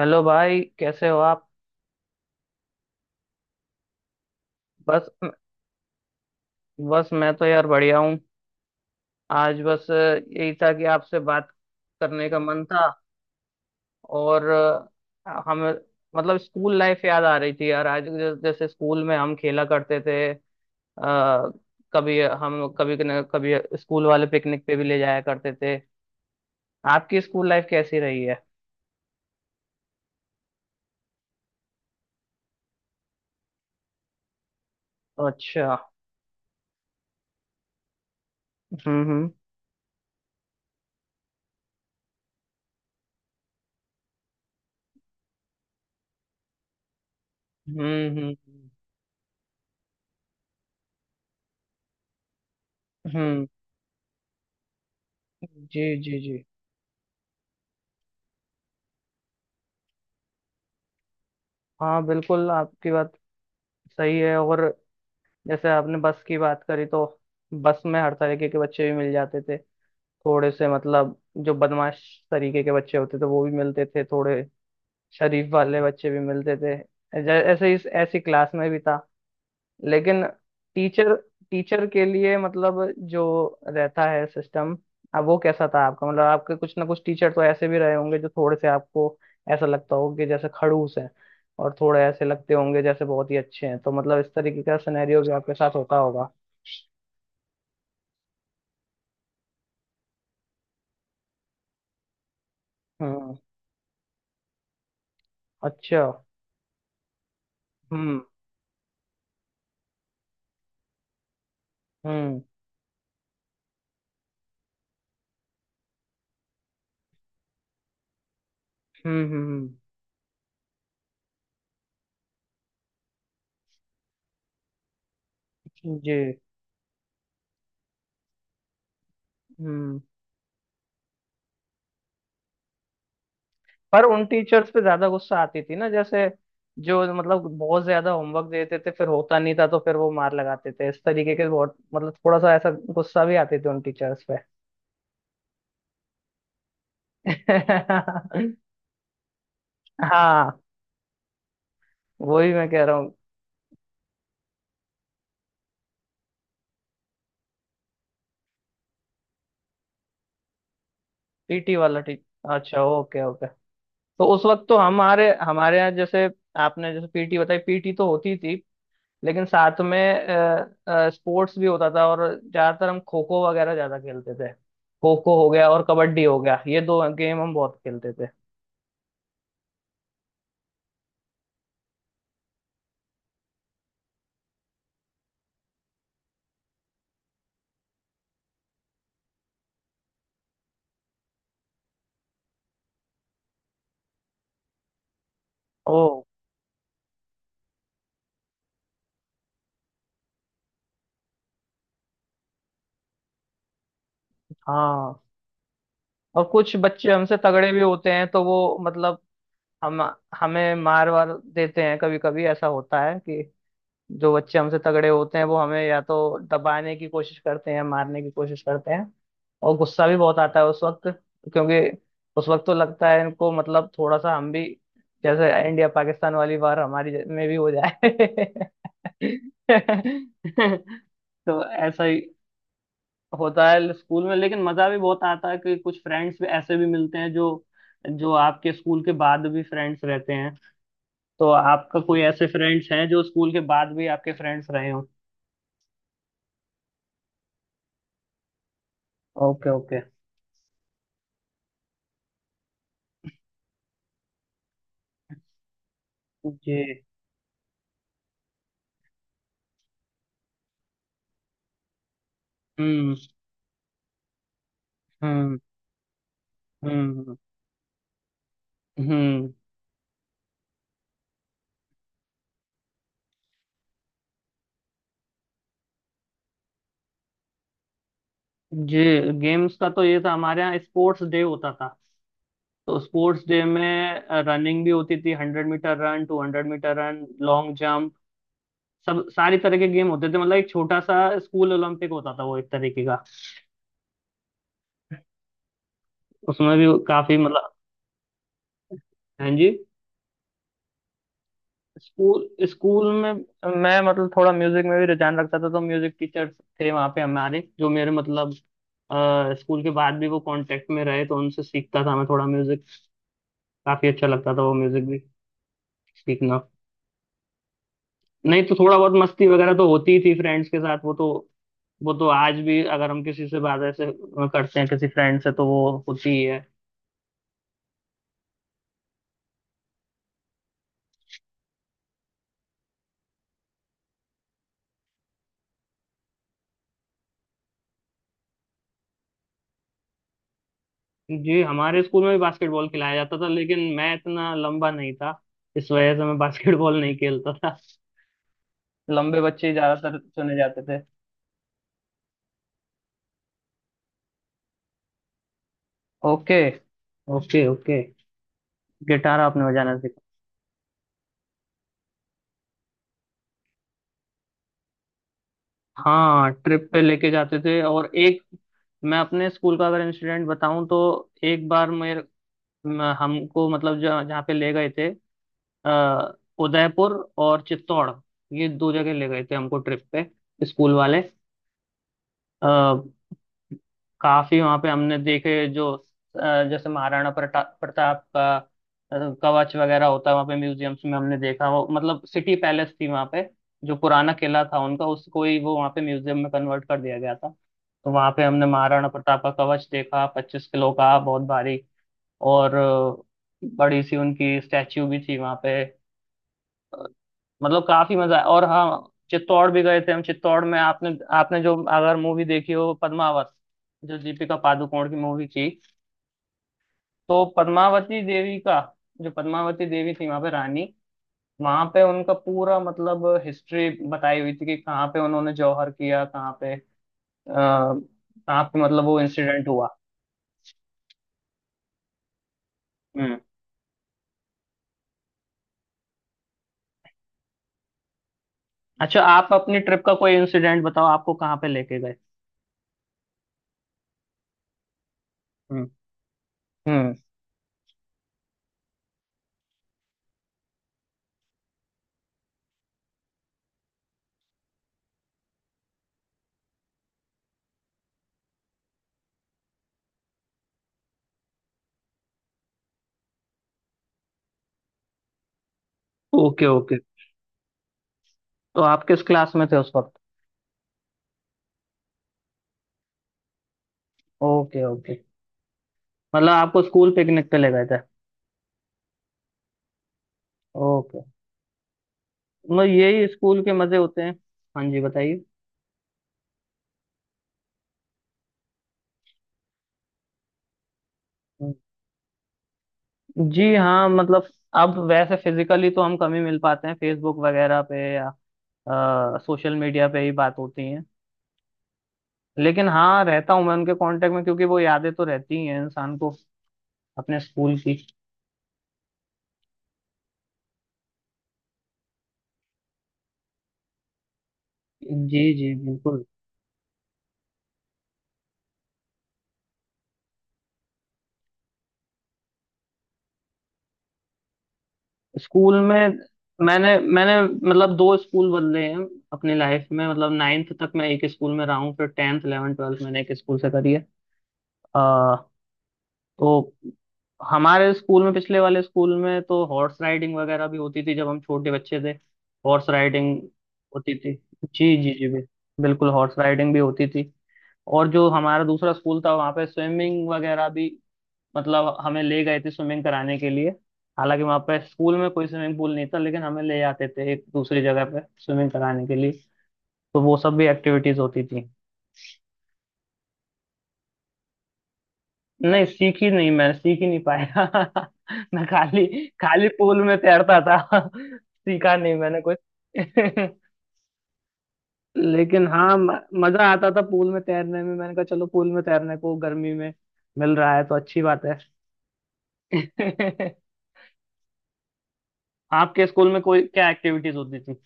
Hello भाई, कैसे हो आप। बस बस मैं तो यार बढ़िया हूँ। आज यही था कि आपसे बात करने का मन था। और हम मतलब स्कूल लाइफ याद आ रही थी यार, आज जैसे स्कूल में हम खेला करते थे। आ, कभी हम कभी स्कूल वाले पिकनिक पे भी ले जाया करते थे। आपकी स्कूल लाइफ कैसी रही है। अच्छा। हम्म हम्म हम्म। हम्म हम्म, जी जी जी। हाँ बिल्कुल, आपकी बात सही है। और जैसे आपने बस की बात करी, तो बस में हर तरीके के बच्चे भी मिल जाते थे। थोड़े से मतलब जो बदमाश तरीके के बच्चे होते थे वो भी मिलते थे, थोड़े शरीफ वाले बच्चे भी मिलते थे। ऐसे इस ऐसी क्लास में भी था। लेकिन टीचर टीचर के लिए मतलब जो रहता है सिस्टम, अब वो कैसा था आपका? मतलब आपके कुछ ना कुछ टीचर तो ऐसे भी रहे होंगे जो थोड़े से आपको ऐसा लगता हो कि जैसे खड़ूस है, और थोड़े ऐसे लगते होंगे जैसे बहुत ही अच्छे हैं। तो मतलब इस तरीके का सिनेरियो भी आपके साथ होता होगा। हम्म। अच्छा। हम्म हम्म। हम्म। जी। हम्म। पर उन टीचर्स पे ज्यादा गुस्सा आती थी ना, जैसे जो मतलब बहुत ज्यादा होमवर्क देते थे, फिर होता नहीं था तो फिर वो मार लगाते थे। इस तरीके के बहुत मतलब थोड़ा सा ऐसा गुस्सा भी आते थे उन टीचर्स पे। हाँ, वही मैं कह रहा हूँ। पीटी वाला टीचर, अच्छा ओके ओके। तो उस वक्त तो हमारे हमारे यहाँ जैसे, आपने जैसे पीटी बताई, पीटी तो होती थी लेकिन साथ में स्पोर्ट्स भी होता था। और ज्यादातर हम खो खो वगैरह ज्यादा खेलते थे, खो खो हो गया और कबड्डी हो गया, ये दो गेम हम बहुत खेलते थे। ओ। हाँ। और कुछ बच्चे हमसे तगड़े भी होते हैं तो वो मतलब हम हमें मार वार देते हैं। कभी कभी ऐसा होता है कि जो बच्चे हमसे तगड़े होते हैं वो हमें या तो दबाने की कोशिश करते हैं, मारने की कोशिश करते हैं। और गुस्सा भी बहुत आता है उस वक्त। क्योंकि उस वक्त तो लगता है इनको मतलब, थोड़ा सा हम भी जैसे इंडिया पाकिस्तान वाली वार हमारी में भी हो जाए। तो ऐसा ही होता है स्कूल में। लेकिन मजा भी बहुत आता है कि कुछ फ्रेंड्स भी ऐसे भी मिलते हैं जो जो आपके स्कूल के बाद भी फ्रेंड्स रहते हैं। तो आपका कोई ऐसे फ्रेंड्स हैं जो स्कूल के बाद भी आपके फ्रेंड्स रहे हो। Okay okay. जी। हम्म हम्म। हम्म हम्म। जी। गेम्स का तो ये था हमारे यहाँ स्पोर्ट्स डे होता था। तो स्पोर्ट्स डे में रनिंग भी होती थी, 100 metre run, 200 metre run, long jump, सब सारी तरह के गेम होते थे। मतलब एक छोटा सा स्कूल ओलंपिक होता था वो, एक तरीके का। उसमें भी काफी मतलब, हाँ जी। स्कूल स्कूल में मैं मतलब थोड़ा म्यूजिक में भी रुझान रखता था, तो म्यूजिक टीचर्स थे वहाँ पे हमारे जो मेरे मतलब स्कूल के बाद भी वो कांटेक्ट में रहे, तो उनसे सीखता था मैं थोड़ा म्यूजिक। काफी अच्छा लगता था वो म्यूजिक भी सीखना। नहीं तो थोड़ा बहुत मस्ती वगैरह तो होती ही थी फ्रेंड्स के साथ, वो तो आज भी अगर हम किसी से बात ऐसे करते हैं, किसी फ्रेंड से, तो वो होती ही है। जी। हमारे स्कूल में भी बास्केटबॉल खिलाया जाता था, लेकिन मैं इतना लंबा नहीं था, इस वजह से मैं बास्केटबॉल नहीं खेलता था। लंबे बच्चे ही ज्यादातर चुने जाते थे। Okay okay okay. गिटार आपने बजाना सीखा। हाँ, ट्रिप पे लेके जाते थे। और एक, मैं अपने स्कूल का अगर इंसिडेंट बताऊं, तो एक बार हमको मतलब जहाँ जहाँ पे ले गए थे, अ, उदयपुर और चित्तौड़, ये दो जगह ले गए थे हमको ट्रिप पे स्कूल वाले। अ, काफी वहां पे हमने देखे जो, अ, जैसे महाराणा प्रताप का अ, कवच वगैरह होता है, वहां पे म्यूजियम्स में हमने देखा वो, मतलब सिटी पैलेस थी वहां पे। जो पुराना किला था उनका, उसको ही वो वहां पे म्यूजियम में कन्वर्ट कर दिया गया था। तो वहां पे हमने महाराणा प्रताप का कवच देखा, 25 किलो का, बहुत भारी। और बड़ी सी उनकी स्टैच्यू भी थी वहां पे। मतलब काफी मजा आया। और हाँ, चित्तौड़ भी गए थे हम। चित्तौड़ में आपने आपने जो, अगर मूवी देखी हो पद्मावत, जो दीपिका पादुकोण की मूवी थी, तो पद्मावती देवी का, जो पद्मावती देवी थी वहां पे रानी, वहां पे उनका पूरा मतलब हिस्ट्री बताई हुई थी कि कहाँ पे उन्होंने जौहर किया, कहाँ पे मतलब वो इंसिडेंट हुआ। हम्म। अच्छा आप अपनी ट्रिप का कोई इंसिडेंट बताओ, आपको कहाँ पे लेके गए। हम्म हम्म। Okay okay. तो आप किस क्लास में थे उस वक्त। Okay okay. मतलब आपको स्कूल पिकनिक पे ले गए थे। ओके। मतलब यही स्कूल के मजे होते हैं। हाँ जी बताइए। जी हाँ, मतलब अब वैसे फिजिकली तो हम कम ही मिल पाते हैं, फेसबुक वगैरह पे या सोशल मीडिया पे ही बात होती है। लेकिन हाँ, रहता हूँ मैं उनके कांटेक्ट में, क्योंकि वो यादें तो रहती ही हैं इंसान को अपने स्कूल की। जी जी बिल्कुल। स्कूल में मैंने मैंने मतलब दो स्कूल बदले हैं अपनी लाइफ में, मतलब 9th तक मैं एक स्कूल में रहा हूँ, फिर 10th 11th 12th मैंने एक स्कूल से करी है। तो हमारे स्कूल में, पिछले वाले स्कूल में तो हॉर्स राइडिंग वगैरह भी होती थी जब हम छोटे बच्चे थे। हॉर्स राइडिंग होती थी। जी जी जी बिल्कुल हॉर्स राइडिंग भी होती थी। और जो हमारा दूसरा स्कूल था वहाँ पे स्विमिंग वगैरह भी, मतलब हमें ले गए थे स्विमिंग कराने के लिए। हालांकि वहाँ पे स्कूल में कोई स्विमिंग पूल नहीं था, लेकिन हमें ले जाते थे एक दूसरी जगह पे स्विमिंग कराने के लिए। तो वो सब भी एक्टिविटीज होती थी। नहीं, सीख ही नहीं मैं सीख ही नहीं पाया। मैं खाली खाली पूल में तैरता था। सीखा नहीं मैंने कुछ। लेकिन हाँ, मजा आता था पूल में तैरने में। मैंने कहा चलो, पूल में तैरने को गर्मी में मिल रहा है तो अच्छी बात है। आपके स्कूल में कोई क्या एक्टिविटीज होती थी।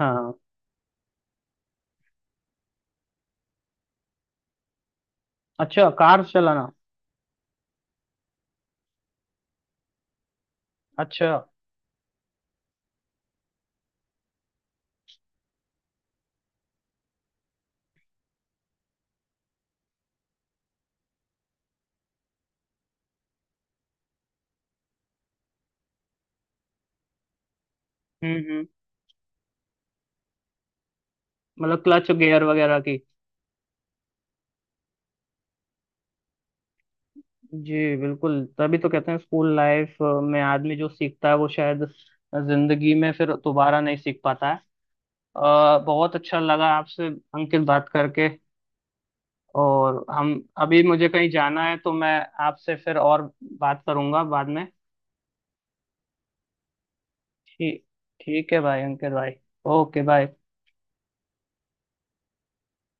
हाँ। अच्छा, कार चलाना। अच्छा। हम्म। मतलब क्लच गियर वगैरह। जी बिल्कुल, तभी तो कहते हैं स्कूल लाइफ में आदमी जो सीखता है वो शायद जिंदगी में फिर दोबारा नहीं सीख पाता है। बहुत अच्छा लगा आपसे अंकित बात करके। और हम, अभी मुझे कहीं जाना है तो मैं आपसे फिर और बात करूंगा बाद में। ठीक ठीक है भाई, अंकित भाई। Okay bye.